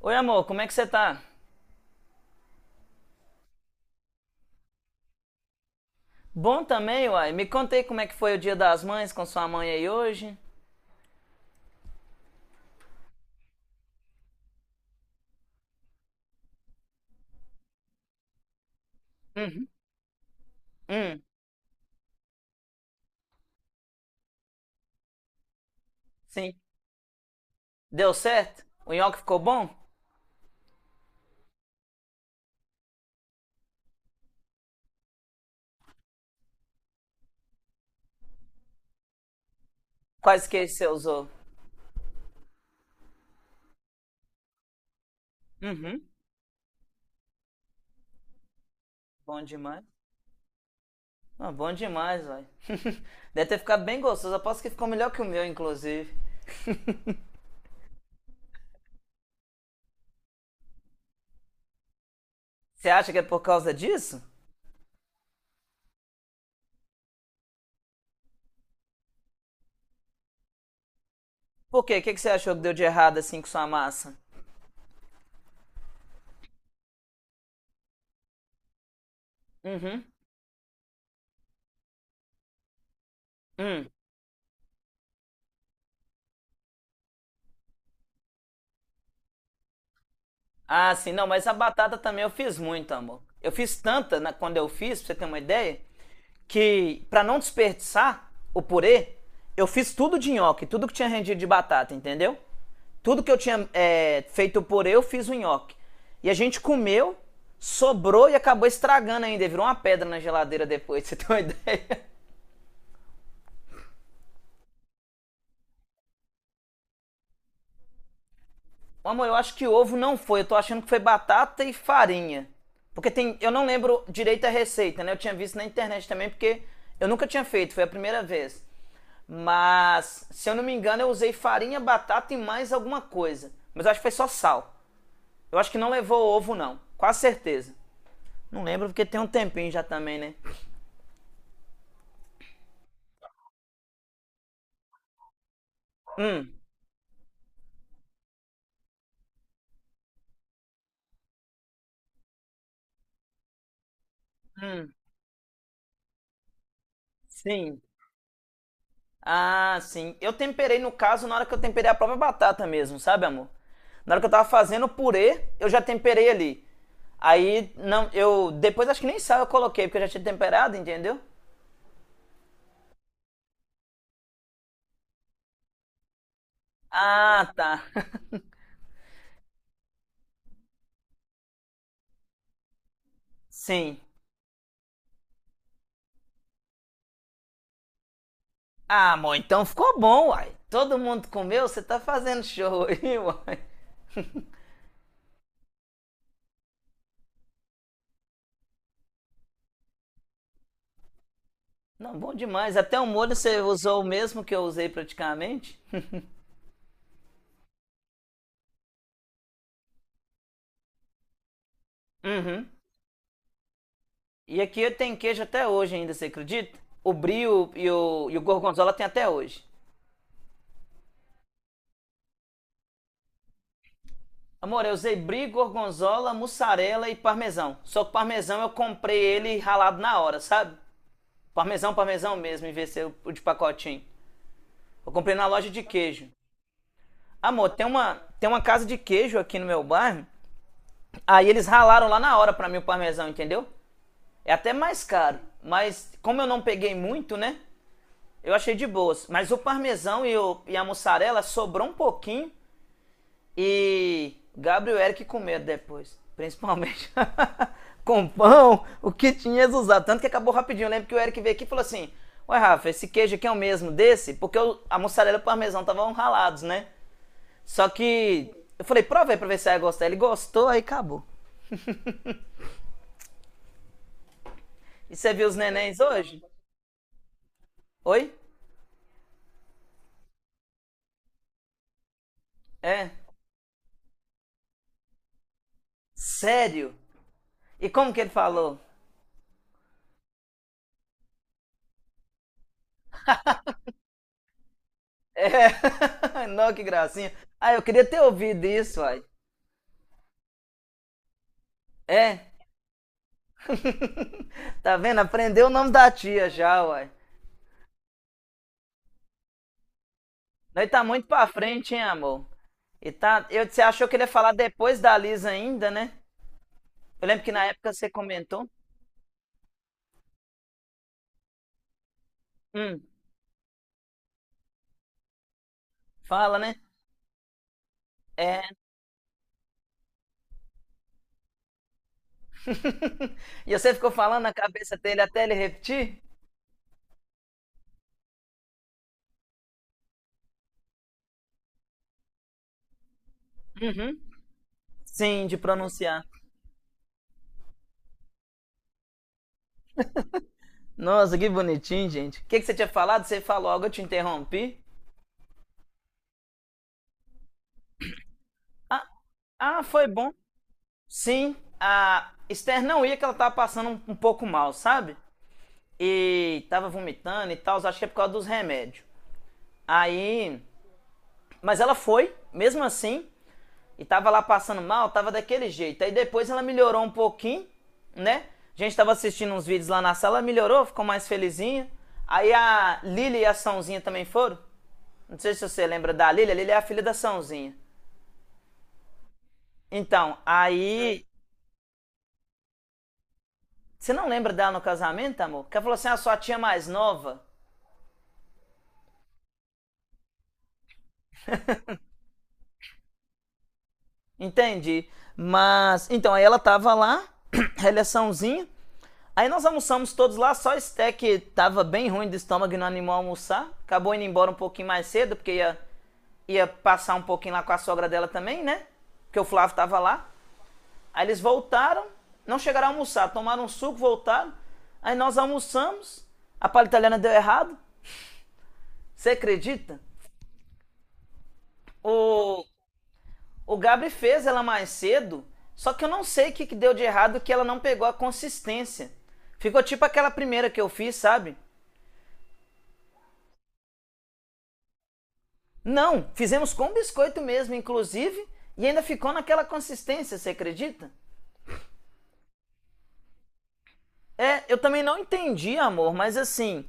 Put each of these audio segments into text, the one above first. Oi, amor, como é que você tá? Bom também, uai. Me contei como é que foi o Dia das Mães com sua mãe aí hoje. Uhum. Hum, sim. Deu certo? O nhoque ficou bom? Quais queijos você usou? Uhum. Bom demais. Ah, bom demais, uai. Deve ter ficado bem gostoso. Aposto que ficou melhor que o meu, inclusive. Você acha que é por causa disso? Por quê? O que que você achou que deu de errado assim com sua massa? Ah, sim, não, mas a batata também eu fiz muito, amor. Eu fiz quando eu fiz, pra você ter uma ideia, que pra não desperdiçar o purê, eu fiz tudo de nhoque, tudo que tinha rendido de batata, entendeu? Tudo que eu tinha feito o purê, eu fiz o nhoque. E a gente comeu, sobrou e acabou estragando ainda, virou uma pedra na geladeira depois, pra você ter uma ideia. Amor, eu acho que ovo não foi. Eu tô achando que foi batata e farinha. Porque eu não lembro direito a receita, né? Eu tinha visto na internet também, porque eu nunca tinha feito, foi a primeira vez. Mas, se eu não me engano, eu usei farinha, batata e mais alguma coisa. Mas eu acho que foi só sal. Eu acho que não levou ovo, não. Quase certeza. Não lembro porque tem um tempinho já também, né? Hum, sim. Ah, sim. Eu temperei, no caso, na hora que eu temperei a própria batata mesmo, sabe, amor? Na hora que eu tava fazendo o purê, eu já temperei ali. Aí, não, eu. Depois acho que nem sal eu coloquei, porque eu já tinha temperado, entendeu? Ah, tá. Sim. Ah, amor, então ficou bom, uai. Todo mundo comeu, você tá fazendo show aí, uai. Não, bom demais. Até o molho você usou o mesmo que eu usei praticamente. Uhum. E aqui eu tenho queijo até hoje ainda, você acredita? O brie e o gorgonzola tem até hoje. Amor, eu usei brie, gorgonzola, mussarela e parmesão. Só que o parmesão eu comprei ele ralado na hora, sabe? Parmesão, parmesão mesmo, em vez de ser o de pacotinho. Eu comprei na loja de queijo. Amor, tem uma casa de queijo aqui no meu bairro. Aí eles ralaram lá na hora pra mim o parmesão, entendeu? É até mais caro, mas como eu não peguei muito, né? Eu achei de boas. Mas o parmesão e a mussarela sobrou um pouquinho. E Gabriel Eric com medo depois, principalmente. com pão, o que tinha usado. Tanto que acabou rapidinho. Eu lembro que o Eric veio aqui e falou assim: Ué, Rafa, esse queijo aqui é o mesmo desse? Porque a mussarela e o parmesão estavam ralados, né? Só que eu falei: Prova aí pra ver se vai gostar. Ele gostou, aí acabou. E você viu os nenéns hoje? Oi? É. Sério? E como que ele falou? É. Não, que gracinha. Ah, eu queria ter ouvido isso, uai. É. Tá vendo? Aprendeu o nome da tia já, uai. Nós tá muito pra frente, hein, amor? E tá. Eu, você achou que ele ia falar depois da Lisa ainda, né? Eu lembro que na época você comentou. Hum, Fala, né? É. E você ficou falando na cabeça dele até ele repetir? Uhum. Sim, de pronunciar. Nossa, que bonitinho, gente. O que, que você tinha falado? Você falou algo, eu te interrompi. Ah, ah, foi bom. Sim, a Esther não ia que ela tava passando um pouco mal, sabe? E tava vomitando e tal, acho que é por causa dos remédios. Aí, mas ela foi, mesmo assim, e tava lá passando mal, tava daquele jeito. Aí depois ela melhorou um pouquinho, né? A gente tava assistindo uns vídeos lá na sala, ela melhorou, ficou mais felizinha. Aí a Lili e a Sãozinha também foram. Não sei se você lembra da Lili, a Lili é a filha da Sãozinha. Então, aí. Você não lembra dela no casamento, amor? Que ela falou assim: a sua tia mais nova. Entende. Mas, então, aí ela tava lá, relaçãozinha. Aí nós almoçamos todos lá, só Sté que tava bem ruim do estômago e não animou a almoçar. Acabou indo embora um pouquinho mais cedo, porque ia, ia passar um pouquinho lá com a sogra dela também, né? Porque o Flávio tava lá. Aí eles voltaram, não chegaram a almoçar, tomaram um suco, voltaram. Aí nós almoçamos, a palha italiana deu errado. Você acredita? O, O Gabri fez ela mais cedo, só que eu não sei o que, que deu de errado que ela não pegou a consistência. Ficou tipo aquela primeira que eu fiz, sabe? Não, fizemos com biscoito mesmo, inclusive, e ainda ficou naquela consistência, você acredita? É, eu também não entendi, amor, mas assim,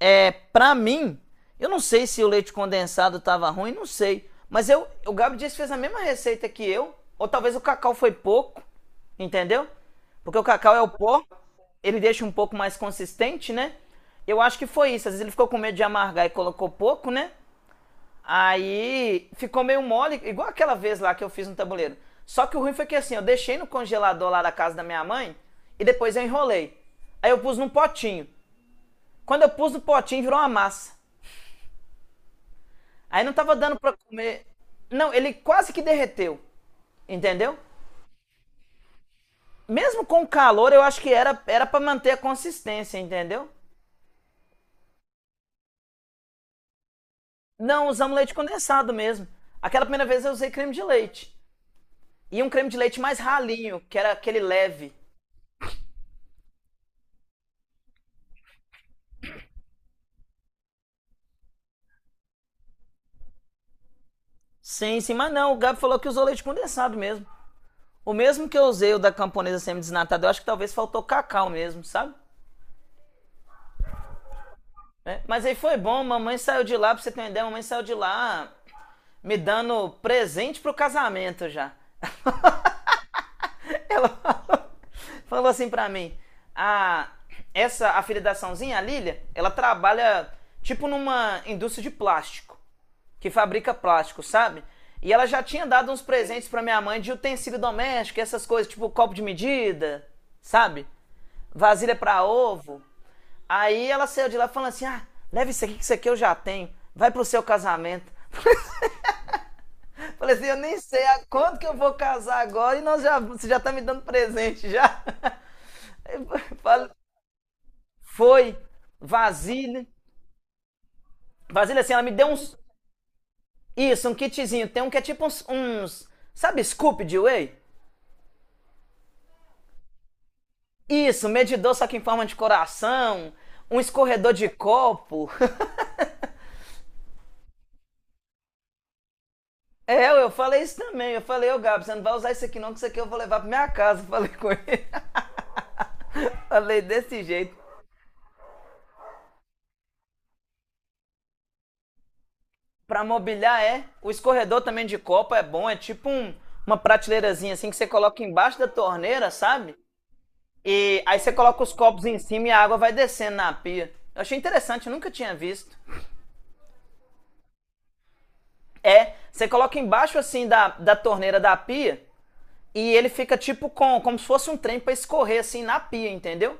é, pra mim, eu não sei se o leite condensado tava ruim, não sei. Mas eu, o Gabi disse que fez a mesma receita que eu, ou talvez o cacau foi pouco, entendeu? Porque o cacau é o pó, ele deixa um pouco mais consistente, né? Eu acho que foi isso. Às vezes ele ficou com medo de amargar e colocou pouco, né? Aí ficou meio mole, igual aquela vez lá que eu fiz no tabuleiro. Só que o ruim foi que assim, eu deixei no congelador lá da casa da minha mãe e depois eu enrolei. Aí eu pus num potinho. Quando eu pus no potinho, virou uma massa. Aí não tava dando pra comer. Não, ele quase que derreteu. Entendeu? Mesmo com o calor, eu acho que era para manter a consistência, entendeu? Não, usamos leite condensado mesmo. Aquela primeira vez eu usei creme de leite. E um creme de leite mais ralinho, que era aquele leve. Sim, sim, mas não, o Gabi falou que usou leite condensado mesmo. O mesmo que eu usei o da camponesa semi-desnatada, eu acho que talvez faltou cacau mesmo, sabe? É, mas aí foi bom, mamãe saiu de lá, pra você ter uma ideia, mamãe saiu de lá me dando presente pro casamento já. Ela falou assim pra mim: a, essa afiliaçãozinha, a Lilia, ela trabalha tipo numa indústria de plástico, que fabrica plástico, sabe? E ela já tinha dado uns presentes pra minha mãe de utensílio doméstico, essas coisas, tipo copo de medida, sabe? Vasilha pra ovo. Aí ela saiu de lá falando assim: ah, leva isso aqui, que isso aqui eu já tenho. Vai pro seu casamento. Falei assim: eu nem sei a quanto que eu vou casar agora e nós já, você já tá me dando presente já. Foi. Vasilha. Vasilha, assim, ela me deu uns. Isso, um kitzinho. Tem um que é tipo uns, sabe, scoop de whey? Isso, medidor só que em forma de coração. Um escorredor de copo. É, eu falei isso também. Eu falei, ô Gabi, você não vai usar isso aqui não, que isso aqui eu vou levar pra minha casa. Falei com ele. Falei desse jeito. Pra mobiliar é. O escorredor também de copo é bom. É tipo um, uma prateleirazinha assim que você coloca embaixo da torneira, sabe? E aí você coloca os copos em cima e a água vai descendo na pia. Eu achei interessante, eu nunca tinha visto. É, você coloca embaixo assim da torneira da pia e ele fica tipo com, como se fosse um trem pra escorrer assim na pia, entendeu?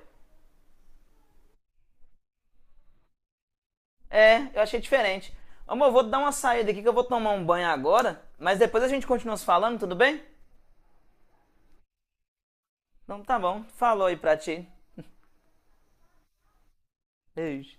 É, eu achei diferente. Amor, eu vou dar uma saída aqui que eu vou tomar um banho agora, mas depois a gente continua se falando, tudo bem? Então tá bom, falou aí pra ti. Beijo.